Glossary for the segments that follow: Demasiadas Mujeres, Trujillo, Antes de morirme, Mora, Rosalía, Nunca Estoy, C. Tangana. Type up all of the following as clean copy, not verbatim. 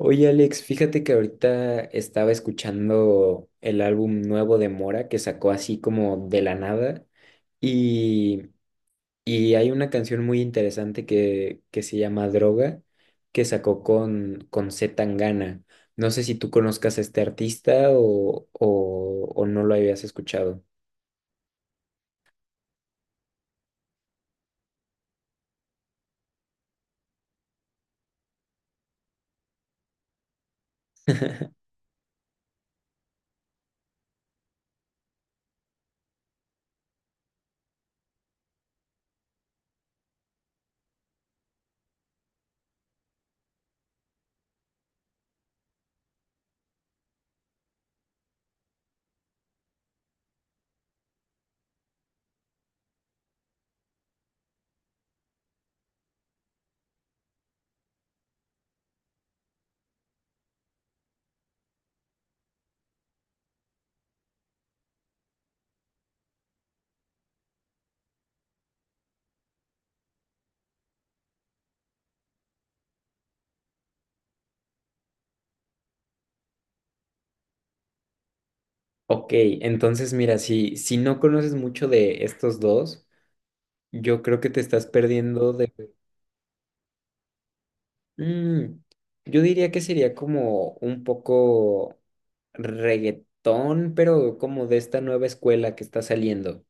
Oye, Alex, fíjate que ahorita estaba escuchando el álbum nuevo de Mora que sacó así como de la nada y, y hay una canción muy interesante que se llama Droga que sacó con C. Tangana. No sé si tú conozcas a este artista o no lo habías escuchado. Ok, entonces mira, si no conoces mucho de estos dos, yo creo que te estás perdiendo de. Mm, yo diría que sería como un poco reggaetón, pero como de esta nueva escuela que está saliendo.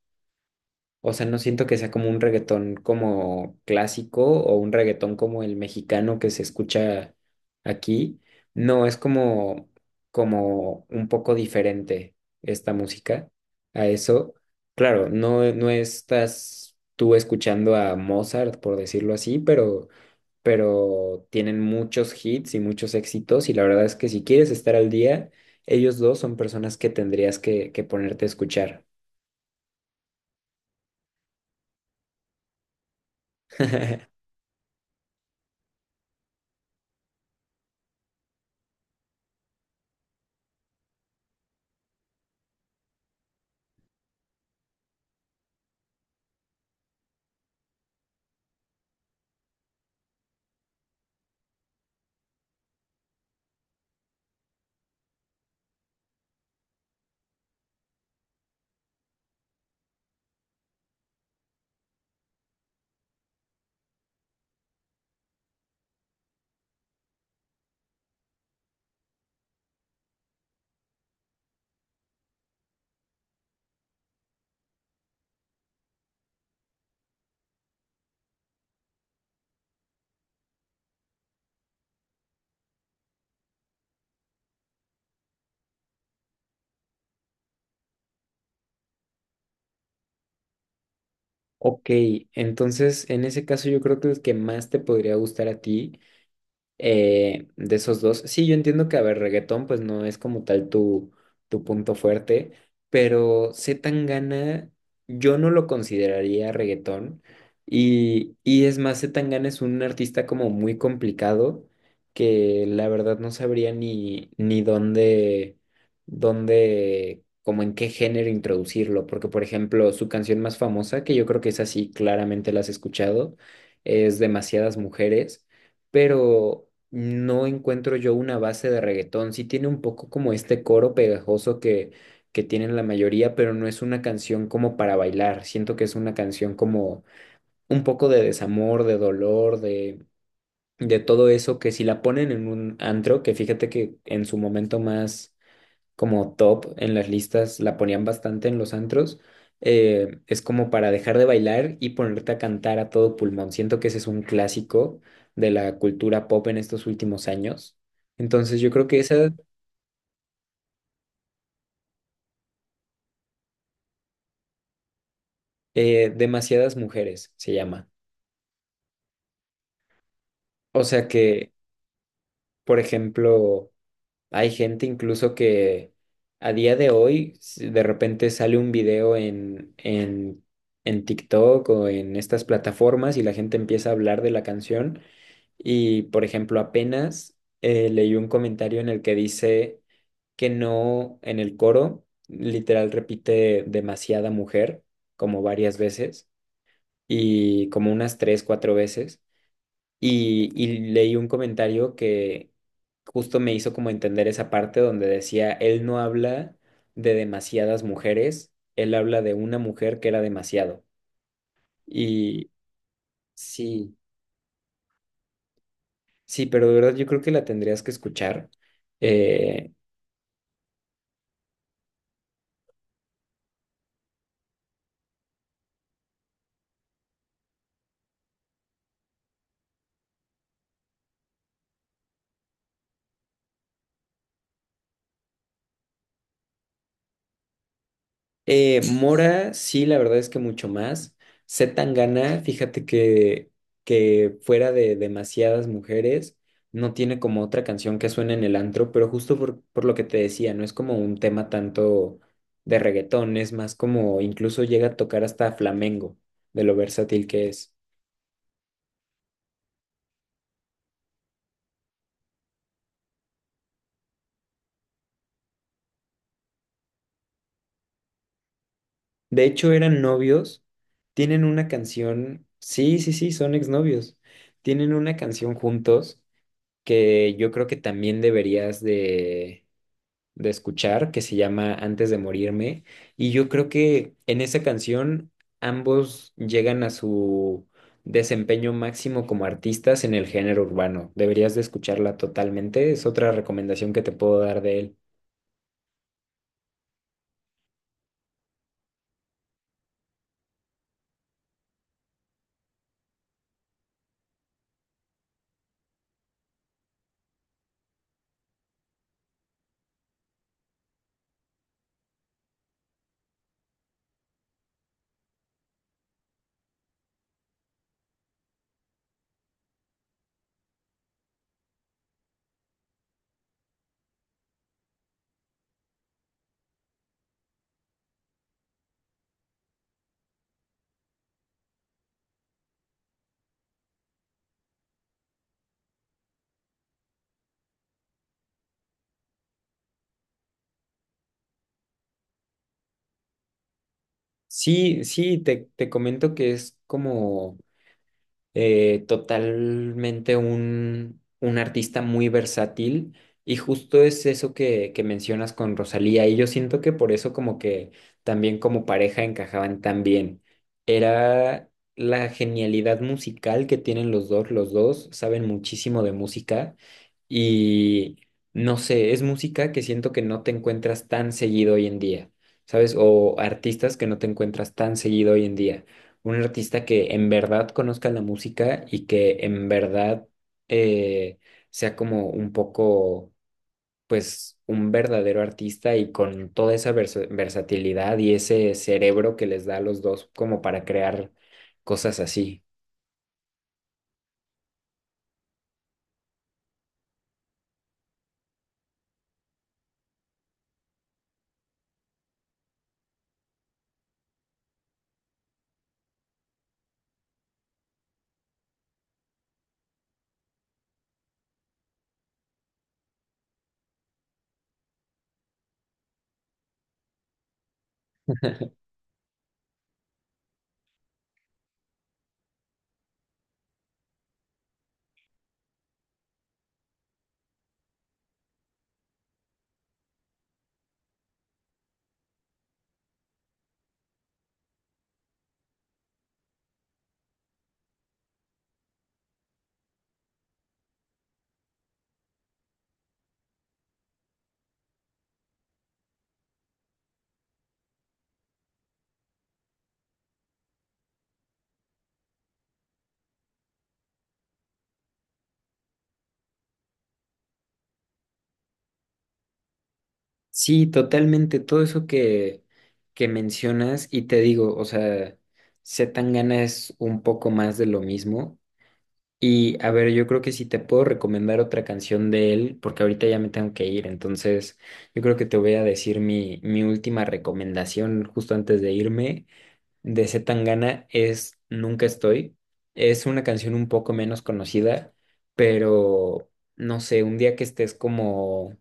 O sea, no siento que sea como un reggaetón como clásico o un reggaetón como el mexicano que se escucha aquí. No, es como, como un poco diferente esta música a eso. Claro, no, no estás tú escuchando a Mozart, por decirlo así, pero tienen muchos hits y muchos éxitos y la verdad es que si quieres estar al día, ellos dos son personas que tendrías que ponerte a escuchar. Ok, entonces en ese caso yo creo que el que más te podría gustar a ti, de esos dos. Sí, yo entiendo que, a ver, reggaetón pues no es como tal tu punto fuerte, pero C. Tangana, yo no lo consideraría reggaetón. Y es más, C. Tangana es un artista como muy complicado que la verdad no sabría ni dónde, dónde, como en qué género introducirlo. Porque, por ejemplo, su canción más famosa, que yo creo que es así, claramente la has escuchado, es Demasiadas Mujeres, pero no encuentro yo una base de reggaetón. Sí tiene un poco como este coro pegajoso que tienen la mayoría, pero no es una canción como para bailar. Siento que es una canción como un poco de desamor, de dolor, de todo eso que si la ponen en un antro, que fíjate que en su momento más como top en las listas, la ponían bastante en los antros. Es como para dejar de bailar y ponerte a cantar a todo pulmón. Siento que ese es un clásico de la cultura pop en estos últimos años. Entonces yo creo que esa, demasiadas mujeres se llama. O sea que, por ejemplo, hay gente incluso que a día de hoy, si de repente sale un video en TikTok o en estas plataformas, y la gente empieza a hablar de la canción. Y, por ejemplo, apenas leí un comentario en el que dice que no, en el coro, literal repite demasiada mujer, como varias veces, y como unas tres, cuatro veces. Y leí un comentario que justo me hizo como entender esa parte donde decía, él no habla de demasiadas mujeres, él habla de una mujer que era demasiado. Y sí, sí, pero de verdad yo creo que la tendrías que escuchar. Eh, Mora, sí, la verdad es que mucho más. Tan gana, fíjate que fuera de demasiadas mujeres, no tiene como otra canción que suene en el antro, pero justo por lo que te decía, no es como un tema tanto de reggaetón, es más como incluso llega a tocar hasta flamenco de lo versátil que es. De hecho, eran novios, tienen una canción, sí, sí, sí, son exnovios, tienen una canción juntos que yo creo que también deberías de escuchar, que se llama Antes de morirme. Y yo creo que en esa canción ambos llegan a su desempeño máximo como artistas en el género urbano. Deberías de escucharla totalmente. Es otra recomendación que te puedo dar de él. Sí, sí, te comento que es como... totalmente un artista muy versátil y justo es eso que mencionas con Rosalía, y yo siento que por eso como que también como pareja encajaban tan bien. Era la genialidad musical que tienen los dos saben muchísimo de música y no sé, es música que siento que no te encuentras tan seguido hoy en día. ¿Sabes? O artistas que no te encuentras tan seguido hoy en día, un artista que en verdad conozca la música y que en verdad eh, sea como un poco, pues, un verdadero artista y con toda esa versatilidad y ese cerebro que les da a los dos como para crear cosas así. Sí, totalmente, todo eso que mencionas, y te digo, o sea, C. Tangana es un poco más de lo mismo. Y a ver, yo creo que si te puedo recomendar otra canción de él, porque ahorita ya me tengo que ir, entonces yo creo que te voy a decir mi última recomendación justo antes de irme de C. Tangana es Nunca Estoy. Es una canción un poco menos conocida, pero no sé, un día que estés como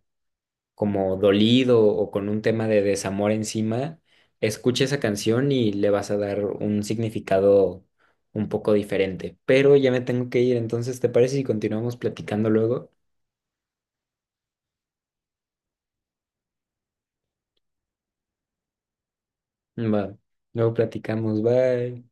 como dolido o con un tema de desamor encima, escucha esa canción y le vas a dar un significado un poco diferente. Pero ya me tengo que ir, entonces, ¿te parece si continuamos platicando luego? Va, luego platicamos, bye.